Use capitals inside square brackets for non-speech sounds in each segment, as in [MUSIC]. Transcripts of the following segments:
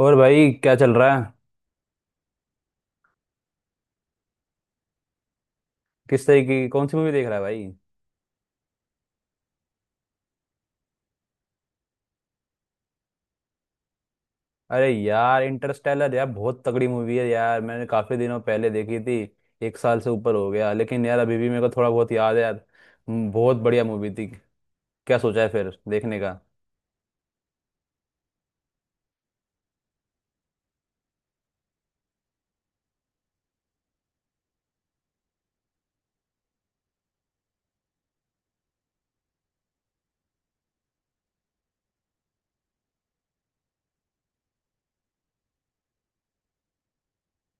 और भाई क्या चल रहा है? किस तरीके की कौन सी मूवी देख रहा है भाई? अरे यार इंटरस्टेलर यार बहुत तगड़ी मूवी है यार मैंने काफी दिनों पहले देखी थी। एक साल से ऊपर हो गया लेकिन यार अभी भी मेरे को थोड़ा बहुत याद है यार। बहुत बढ़िया मूवी थी। क्या सोचा है फिर देखने का?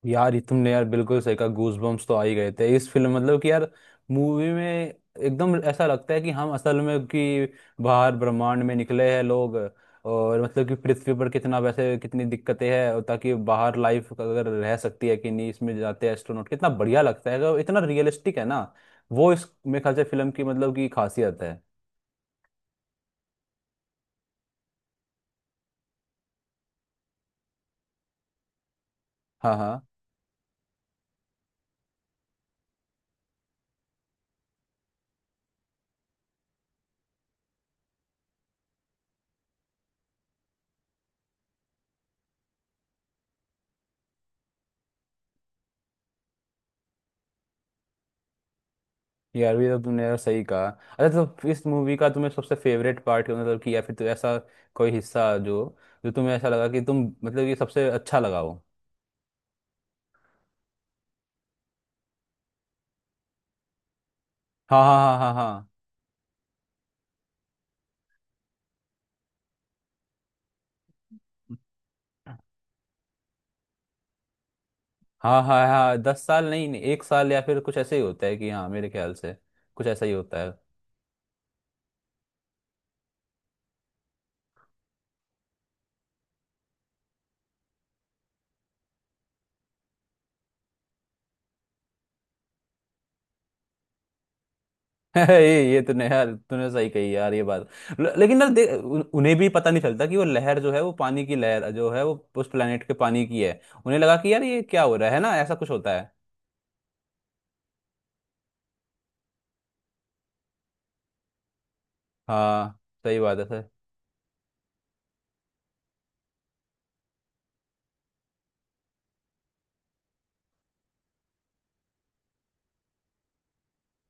यार ये तुमने यार बिल्कुल सही कहा, गूज बम्स तो आ ही गए थे इस फिल्म मतलब कि यार मूवी में। एकदम ऐसा लगता है कि हम असल में कि बाहर ब्रह्मांड में निकले हैं लोग। और मतलब कि पृथ्वी पर कितना वैसे कितनी दिक्कतें हैं और ताकि बाहर लाइफ अगर रह सकती है कि नहीं, इसमें जाते हैं एस्ट्रोनॉट कितना बढ़िया लगता है अगर इतना रियलिस्टिक है ना। वो इस मेरे ख्याल से फिल्म की मतलब की खासियत है। हाँ, हाँ। यार भी तो तुमने यार सही कहा। अच्छा तो इस मूवी का तुम्हें सबसे फेवरेट पार्ट क्या मतलब कि या फिर तो ऐसा कोई हिस्सा जो जो तुम्हें ऐसा लगा कि तुम मतलब ये सबसे अच्छा लगा हो? हाँ, हाँ, हाँ, हाँ, हाँ, हाँ, हाँ, हाँ, 10 साल नहीं नहीं एक साल या फिर कुछ ऐसे ही होता है कि हाँ मेरे ख्याल से कुछ ऐसा ही होता है। [LAUGHS] ये तूने यार तूने सही कही यार ये बात। लेकिन यार देख उन्हें भी पता नहीं चलता कि वो लहर जो है वो पानी की लहर जो है वो उस प्लेनेट के पानी की है। उन्हें लगा कि यार ये क्या हो रहा है ना ऐसा कुछ होता है। हाँ सही बात है।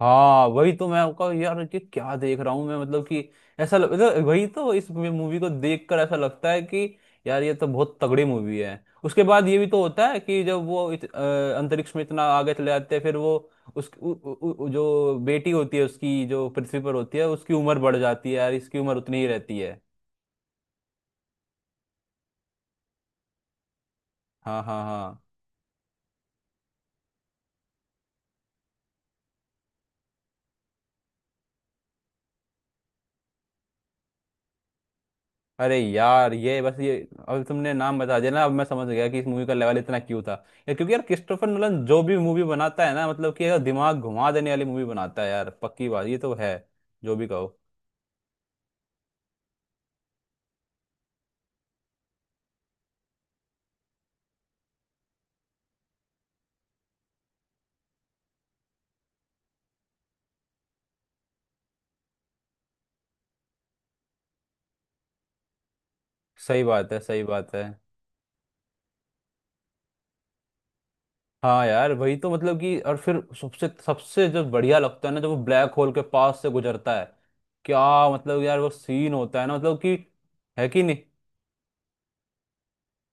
हाँ वही तो मैं आपका यार कि क्या देख रहा हूँ मैं मतलब कि तो वही तो इस मूवी को देखकर ऐसा लगता है कि यार ये तो बहुत तगड़ी मूवी है। उसके बाद ये भी तो होता है कि जब वो अंतरिक्ष में इतना आगे चले जाते हैं फिर वो उस उ, उ, उ, जो बेटी होती है उसकी जो पृथ्वी पर होती है उसकी उम्र बढ़ जाती है यार इसकी उम्र उतनी ही रहती है। हाँ, हाँ, हाँ। अरे यार ये बस ये अब तुमने नाम बता दिया ना, अब मैं समझ गया कि इस मूवी का लेवल इतना क्यों था। यार क्योंकि यार क्रिस्टोफर नोलन जो भी मूवी बनाता है ना मतलब कि यार दिमाग घुमा देने वाली मूवी बनाता है यार पक्की बात ये तो है। जो भी कहो। सही बात है, सही बात है। हाँ यार वही तो मतलब कि और फिर सबसे सबसे जो बढ़िया लगता है ना जब वो ब्लैक होल के पास से गुजरता है। क्या मतलब यार वो सीन होता है ना मतलब कि है कि नहीं?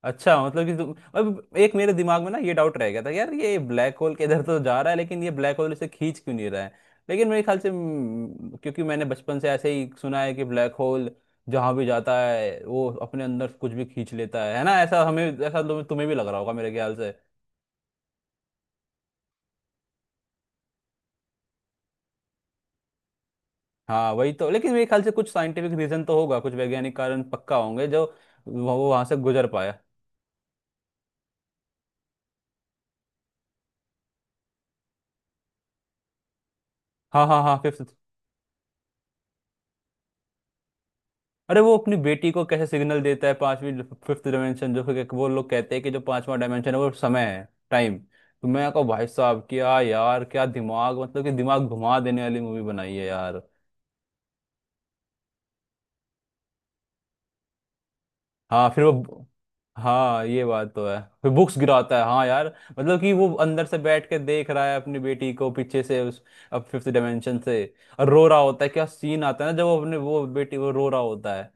अच्छा मतलब कि तुम, अब एक मेरे दिमाग में ना ये डाउट रह गया था यार ये ब्लैक होल के इधर तो जा रहा है लेकिन ये ब्लैक होल इसे खींच क्यों नहीं रहा है? लेकिन मेरे ख्याल से, क्योंकि मैंने बचपन से ऐसे ही सुना है कि ब्लैक होल जहाँ भी जाता है वो अपने अंदर कुछ भी खींच लेता है ना, ऐसा हमें ऐसा तुम्हें तुम्हें भी लग रहा होगा मेरे ख्याल से। हाँ वही तो लेकिन मेरे ख्याल से कुछ साइंटिफिक रीजन तो होगा कुछ वैज्ञानिक कारण पक्का होंगे जो वो वहां से गुजर पाया। हाँ, हाँ, हाँ, फिफ्थ। अरे वो अपनी बेटी को कैसे सिग्नल देता है पांचवी फिफ्थ डायमेंशन जो कि वो लोग कहते हैं कि जो पांचवा डायमेंशन है वो समय है टाइम तो मैं कहूँ भाई साहब क्या यार क्या दिमाग मतलब कि दिमाग घुमा देने वाली मूवी बनाई है यार। हाँ फिर वो। हाँ ये बात तो है फिर बुक्स गिराता है हाँ यार। मतलब कि वो अंदर से बैठ के देख रहा है अपनी बेटी को पीछे से उस अब फिफ्थ डायमेंशन से, और रो रहा होता है क्या सीन आता है ना जब वो अपने वो बेटी वो रो रहा होता है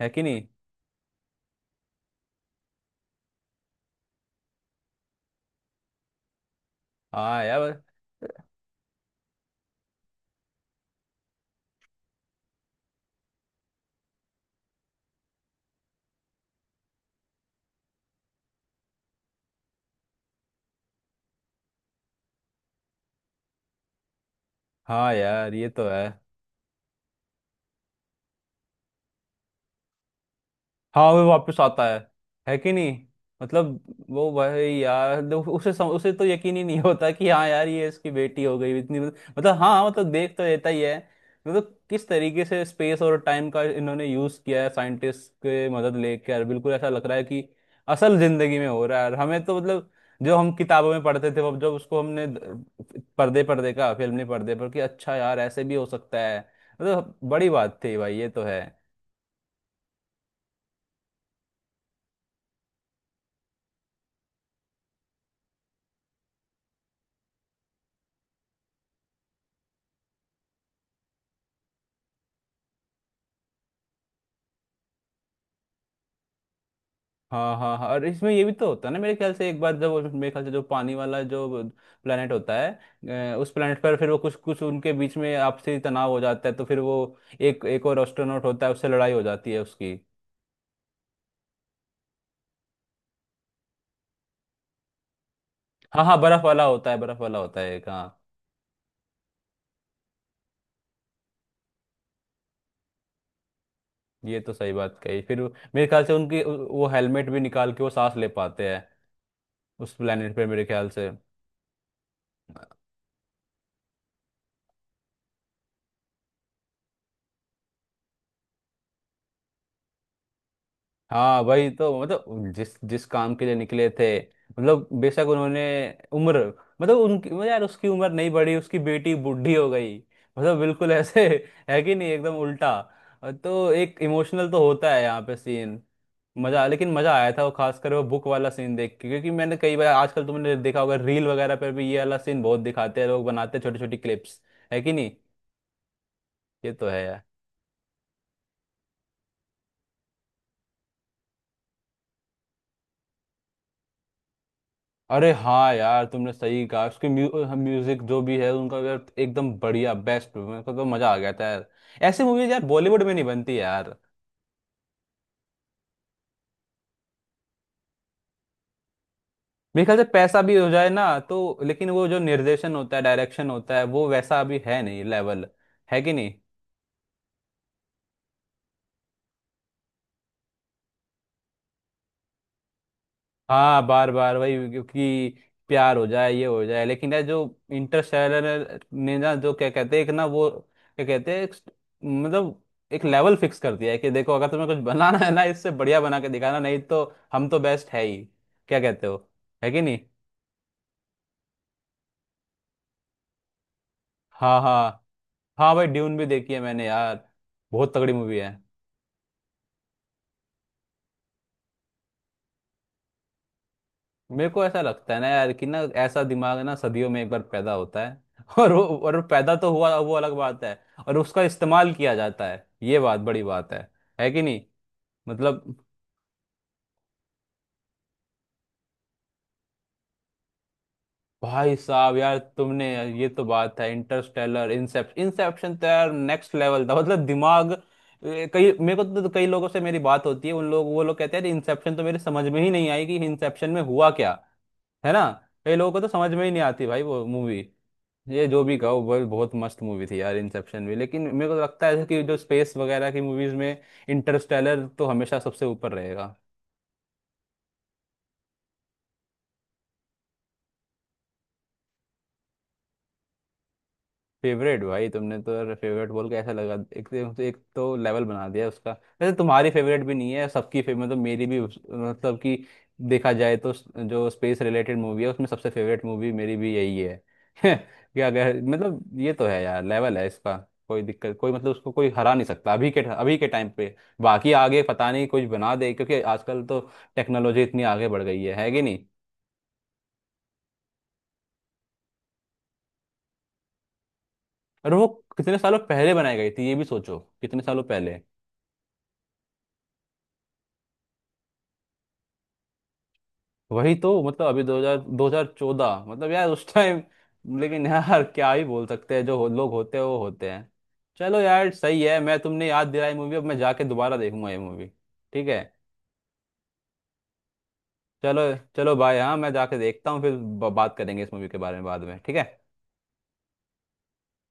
है कि नहीं? हाँ यार। हाँ यार ये तो है। हाँ वो वापस आता है कि नहीं? मतलब वो भाई यार उसे उसे तो यकीन ही नहीं होता कि हाँ यार ये इसकी बेटी हो गई इतनी मतलब हाँ मतलब देख तो रहता ही है। मतलब किस तरीके से स्पेस और टाइम का इन्होंने यूज किया है साइंटिस्ट के मदद लेकर बिल्कुल ऐसा लग रहा है कि असल जिंदगी में हो रहा है और हमें तो मतलब जो हम किताबों में पढ़ते थे जब उसको हमने पर्दे पर देखा फिल्म ने पर्दे पर कि अच्छा यार ऐसे भी हो सकता है मतलब बड़ी बात थी भाई ये तो है। हाँ, हाँ, हाँ, और इसमें ये भी तो होता है ना मेरे ख्याल से एक बार जब मेरे ख्याल से जो पानी वाला जो प्लेनेट होता है उस प्लेनेट पर फिर वो कुछ कुछ उनके बीच में आपसी तनाव हो जाता है तो फिर वो एक एक और एस्ट्रोनॉट होता है उससे लड़ाई हो जाती है उसकी। हाँ, हाँ, बर्फ वाला होता है, बर्फ वाला होता है, एक हाँ। ये तो सही बात कही फिर मेरे ख्याल से उनकी वो हेलमेट भी निकाल के वो सांस ले पाते हैं उस प्लेनेट पे मेरे ख्याल से। हाँ वही तो मतलब जिस जिस काम के लिए निकले थे मतलब बेशक उन्होंने उम्र मतलब उनकी मतलब यार उसकी उम्र नहीं बढ़ी उसकी बेटी बूढ़ी हो गई मतलब बिल्कुल ऐसे [LAUGHS] है कि नहीं एकदम उल्टा। तो एक इमोशनल तो होता है यहाँ पे सीन। मजा लेकिन मजा आया था वो खासकर वो बुक वाला सीन देख के क्योंकि मैंने कई बार आजकल तुमने देखा होगा रील वगैरह पर भी ये वाला सीन बहुत दिखाते हैं लोग बनाते हैं छोटी छोटी क्लिप्स, है कि नहीं? ये तो है। अरे हाँ यार तुमने सही कहा उसकी म्यूजिक जो भी है उनका यार एकदम बढ़िया बेस्ट मेरे को तो मजा आ गया था यार। ऐसी मूवीज यार बॉलीवुड में नहीं बनती यार। मेरे ख्याल से पैसा भी हो जाए ना तो लेकिन वो जो निर्देशन होता है डायरेक्शन होता है वो वैसा अभी है नहीं लेवल, है कि नहीं? हाँ बार बार वही क्योंकि प्यार हो जाए ये हो जाए लेकिन यार जो इंटरस्टेलर ने ना जो क्या कहते हैं एक ना वो क्या कहते हैं एक मतलब एक लेवल फिक्स कर दिया है कि देखो अगर तुम्हें कुछ बनाना है ना इससे बढ़िया बना के दिखाना नहीं तो हम तो बेस्ट है ही। क्या कहते हो? है कि नहीं? हाँ, हाँ। हाँ भाई ड्यून भी देखी है मैंने यार बहुत तगड़ी मूवी है। मेरे को ऐसा लगता है ना यार कि ना ऐसा दिमाग ना सदियों में एक बार पैदा होता है [LAUGHS] और वो पैदा तो हुआ वो अलग बात है और उसका इस्तेमाल किया जाता है ये बात बड़ी बात है कि नहीं? मतलब भाई साहब यार तुमने ये तो बात है इंटरस्टेलर इंसेप्शन इंसेप्शन तो यार नेक्स्ट लेवल था मतलब दिमाग। कई मेरे को तो कई लोगों से मेरी बात होती है उन लोग वो लोग कहते हैं इंसेप्शन तो मेरे समझ में ही नहीं आई कि इंसेप्शन में हुआ क्या, है ना? कई लोगों को तो समझ में ही नहीं आती भाई वो मूवी। ये जो भी कहो वो बहुत मस्त मूवी थी यार इंसेप्शन भी लेकिन मेरे को तो लगता है कि जो स्पेस वगैरह की मूवीज में इंटरस्टेलर तो हमेशा सबसे ऊपर रहेगा। फेवरेट भाई तुमने तो यार फेवरेट बोल के ऐसा लगा एक तो लेवल बना दिया उसका। वैसे तुम्हारी फेवरेट भी नहीं है सबकी फेवरेट मतलब मेरी भी मतलब कि देखा जाए तो जो स्पेस रिलेटेड मूवी है उसमें सबसे फेवरेट मूवी मेरी भी यही है। [LAUGHS] क्या कह मतलब ये तो है यार लेवल है इसका। कोई दिक्कत कोई मतलब उसको कोई हरा नहीं सकता अभी के टाइम पे। बाकी आगे पता नहीं कुछ बना दे क्योंकि आजकल तो टेक्नोलॉजी इतनी आगे बढ़ गई है कि नहीं? और वो कितने सालों पहले बनाई गई थी ये भी सोचो कितने सालों पहले। वही तो मतलब अभी 2000 2014 मतलब यार उस टाइम। लेकिन यार क्या ही बोल सकते हैं जो लोग होते हैं वो होते हैं। चलो यार सही है मैं तुमने याद दिलाई मूवी अब मैं जाके दोबारा देखूंगा ये मूवी। ठीक है। चलो, चलो भाई हाँ मैं जाके देखता हूँ फिर बात करेंगे इस मूवी के बारे में बाद में ठीक है।